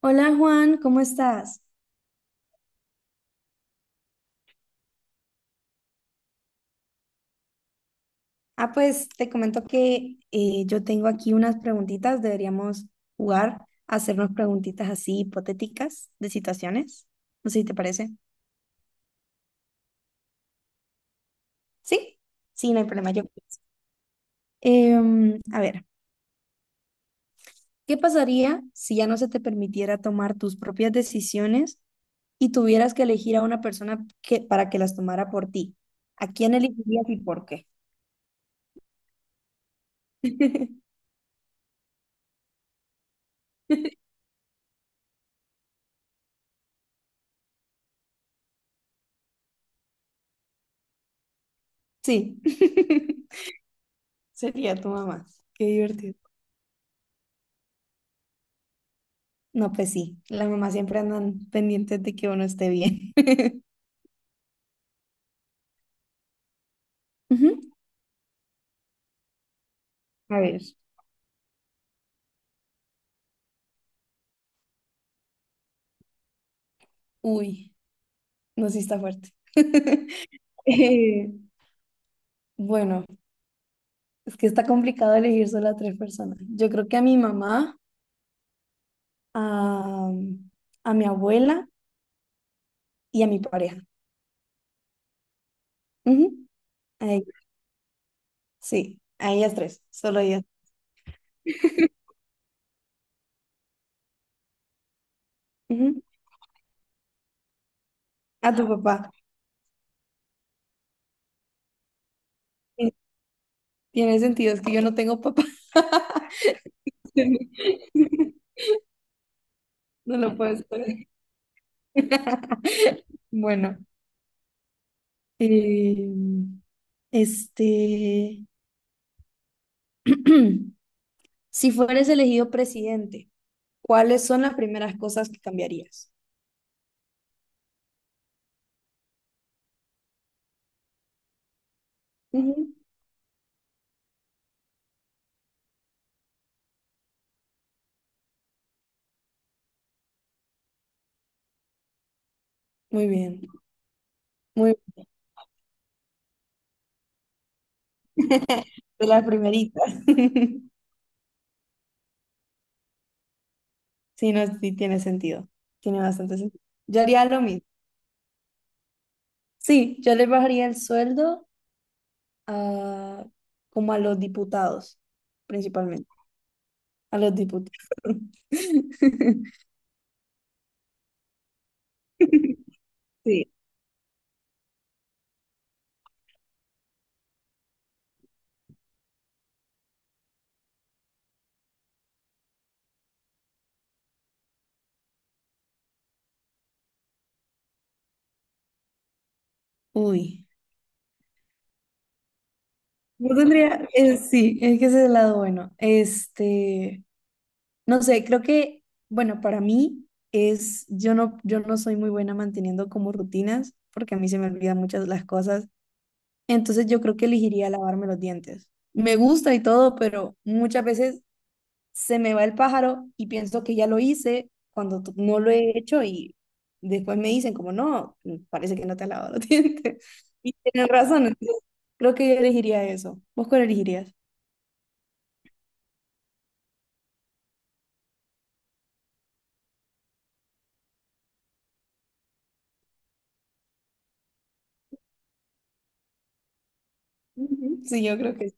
Hola Juan, ¿cómo estás? Ah, pues te comento que yo tengo aquí unas preguntitas. Deberíamos jugar a hacernos preguntitas así hipotéticas de situaciones. No sé si te parece. ¿Sí? Sí, no hay problema. Yo comienzo. A ver, ¿qué pasaría si ya no se te permitiera tomar tus propias decisiones y tuvieras que elegir a una persona que, para que las tomara por ti? ¿A quién elegirías y por qué? Sí, sería tu mamá. Qué divertido. No, pues sí, las mamás siempre andan pendientes de que uno esté bien. Ujú. A ver, uy, no, sí está fuerte. Eh, bueno, es que está complicado elegir solo a tres personas. Yo creo que a mi mamá, a, a mi abuela y a mi pareja. Ujú. A ella- sí, a ellas tres, solo ellas. Ujú. A tu papá. Eh, Tiene sentido, es que yo no tengo papá. No lo puedo escoger. Bueno, Eh, este, si fueres elegido presidente, ¿cuáles son las primeras cosas que cambiarías? Ujú. Muy bien, muy bien. De las primeritas. Sí, no, sí tiene sentido. Tiene bastante sentido. Yo haría lo mismo. Sí, yo le bajaría el sueldo a, como a los diputados, principalmente. A los diputados. Sí. Uy. Yo tendría, sí, es que ese es el lado bueno. Este, no sé, creo que, bueno, para mí es, yo no soy muy buena manteniendo como rutinas, porque a mí se me olvidan muchas las cosas. Entonces yo creo que elegiría lavarme los dientes. Me gusta y todo, pero muchas veces se me va el pájaro y pienso que ya lo hice cuando no lo he hecho y después me dicen como, no, parece que no te has lavado los dientes. Y tienen razón, entonces creo que yo elegiría eso. ¿Vos cuál elegirías? Ujú. Sí, yo creo que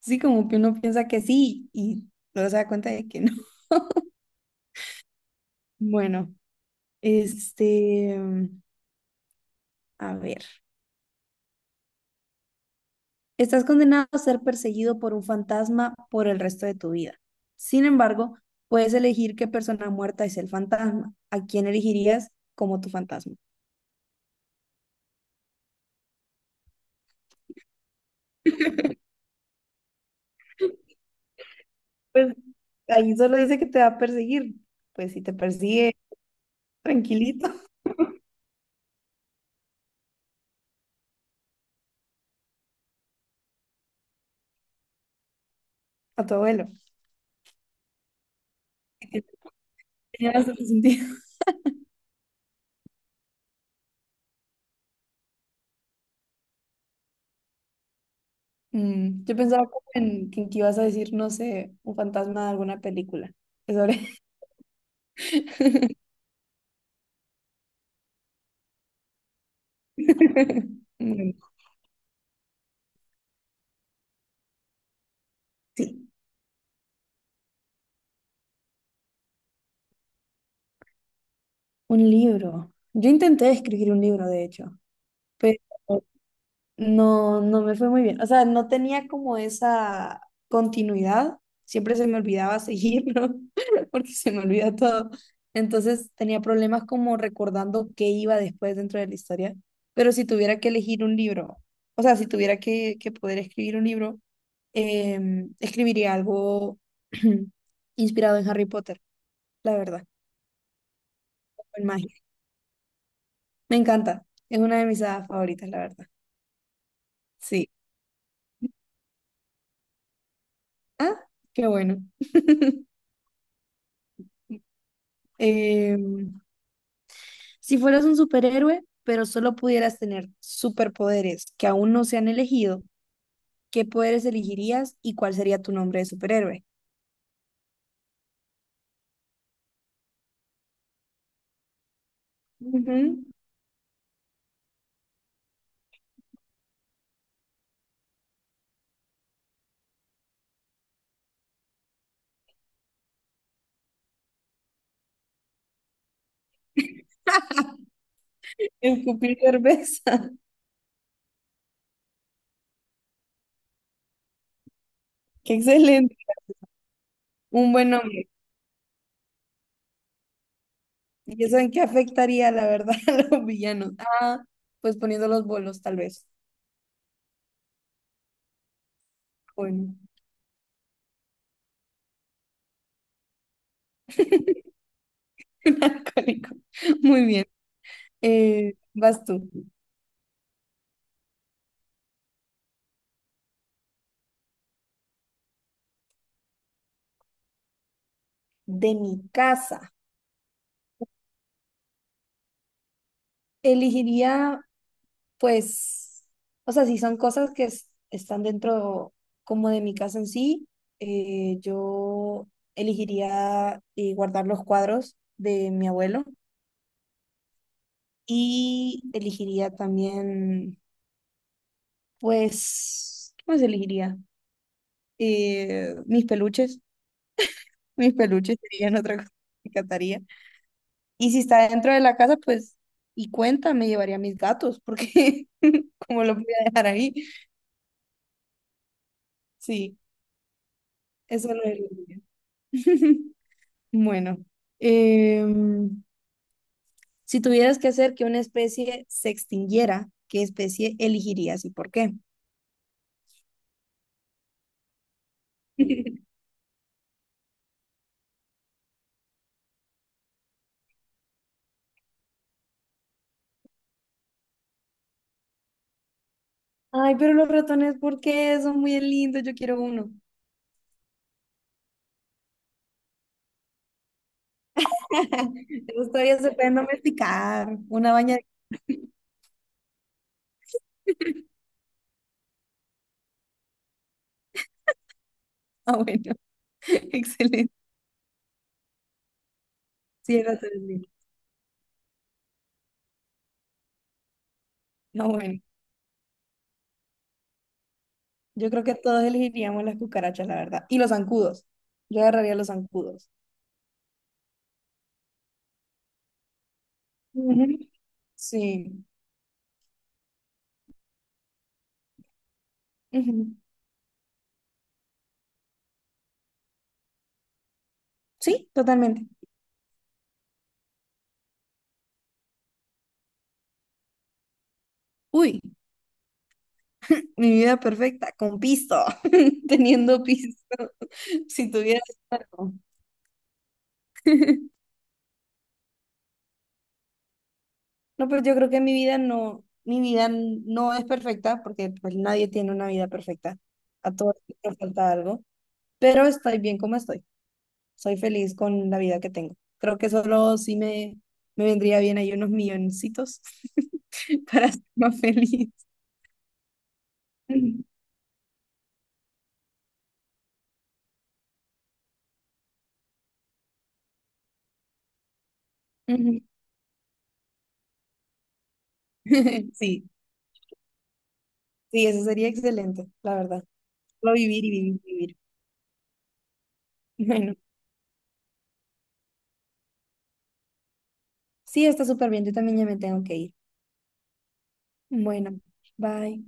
sí, como que uno piensa que sí y luego se da cuenta de que no. Bueno, este, mm, a ver, estás condenado a ser perseguido por un fantasma por el resto de tu vida. Sin embargo, puedes elegir qué persona muerta es el fantasma. ¿A quién elegirías como tu fantasma? Pues ahí solo dice que te va a perseguir. Pues si te persigue, tranquilito, a tu abuelo. Tiene bastante sentido. Mm, yo pensaba como en que ibas a decir, no sé, un fantasma de alguna película. Es sobre- Mm, sí, un libro. Yo intenté escribir un libro, de hecho, pero no, no me fue muy bien. O sea, no tenía como esa continuidad. Siempre se me olvidaba seguirlo porque se me olvida todo. Entonces tenía problemas como recordando qué iba después dentro de la historia. Pero si tuviera que elegir un libro, o sea, si tuviera que poder escribir un libro, eh, escribiría algo inspirado en Harry Potter, la verdad, en magia. Me encanta, es una de mis hadas favoritas, la verdad. Sí. Ah, qué bueno. Eh, si fueras un superhéroe, pero solo pudieras tener superpoderes que aún no se han elegido, ¿qué poderes elegirías y cuál sería tu nombre de superhéroe? Ujú. Escupir cerveza. Qué excelente. Un buen nombre. ¿Y eso en qué afectaría, la verdad, a los villanos? Ah, pues poniendo los bolos, tal vez. Bueno, un alcohólico. Muy bien. Vas tú. De mi casa. Elegiría, pues, o sea, si son cosas que están dentro como de mi casa en sí, yo elegiría guardar los cuadros de mi abuelo y elegiría también, pues, ¿qué más elegiría? Mis peluches. Mis peluches serían otra cosa que rescataría. Y si está dentro de la casa, pues, y cuenta, me llevaría mis gatos, porque como lo voy a dejar ahí, sí, eso lo es Bueno, em, si tuvieras que hacer que una especie se extinguiera, ¿qué especie elegirías y por qué? Ay, pero los ratones, ¿por qué? Son muy lindos, yo quiero uno. Esos todavía se pueden domesticar. Una baña. Ah, bueno, excelente. Sí, el ratón es lindo. Ah, bueno. Yo creo que todos elegiríamos las cucarachas, la verdad. Y los zancudos. Yo agarraría los zancudos. Ujú. Sí. Ujú. Sí, totalmente. Uy, mi vida perfecta, con pisto, teniendo pisto. Si tuviera algo. No, pues yo creo que mi vida no es perfecta, porque pues nadie tiene una vida perfecta. A todos nos falta algo, pero estoy bien como estoy. Soy feliz con la vida que tengo. Creo que me vendría bien ahí unos milloncitos para ser más feliz. Ujú. Ujú. Sí, sí, eso sería excelente, la verdad. Solo vivir y vivir, y vivir. Bueno, sí, está súper bien. Yo también ya me tengo que ir. Bueno, bye.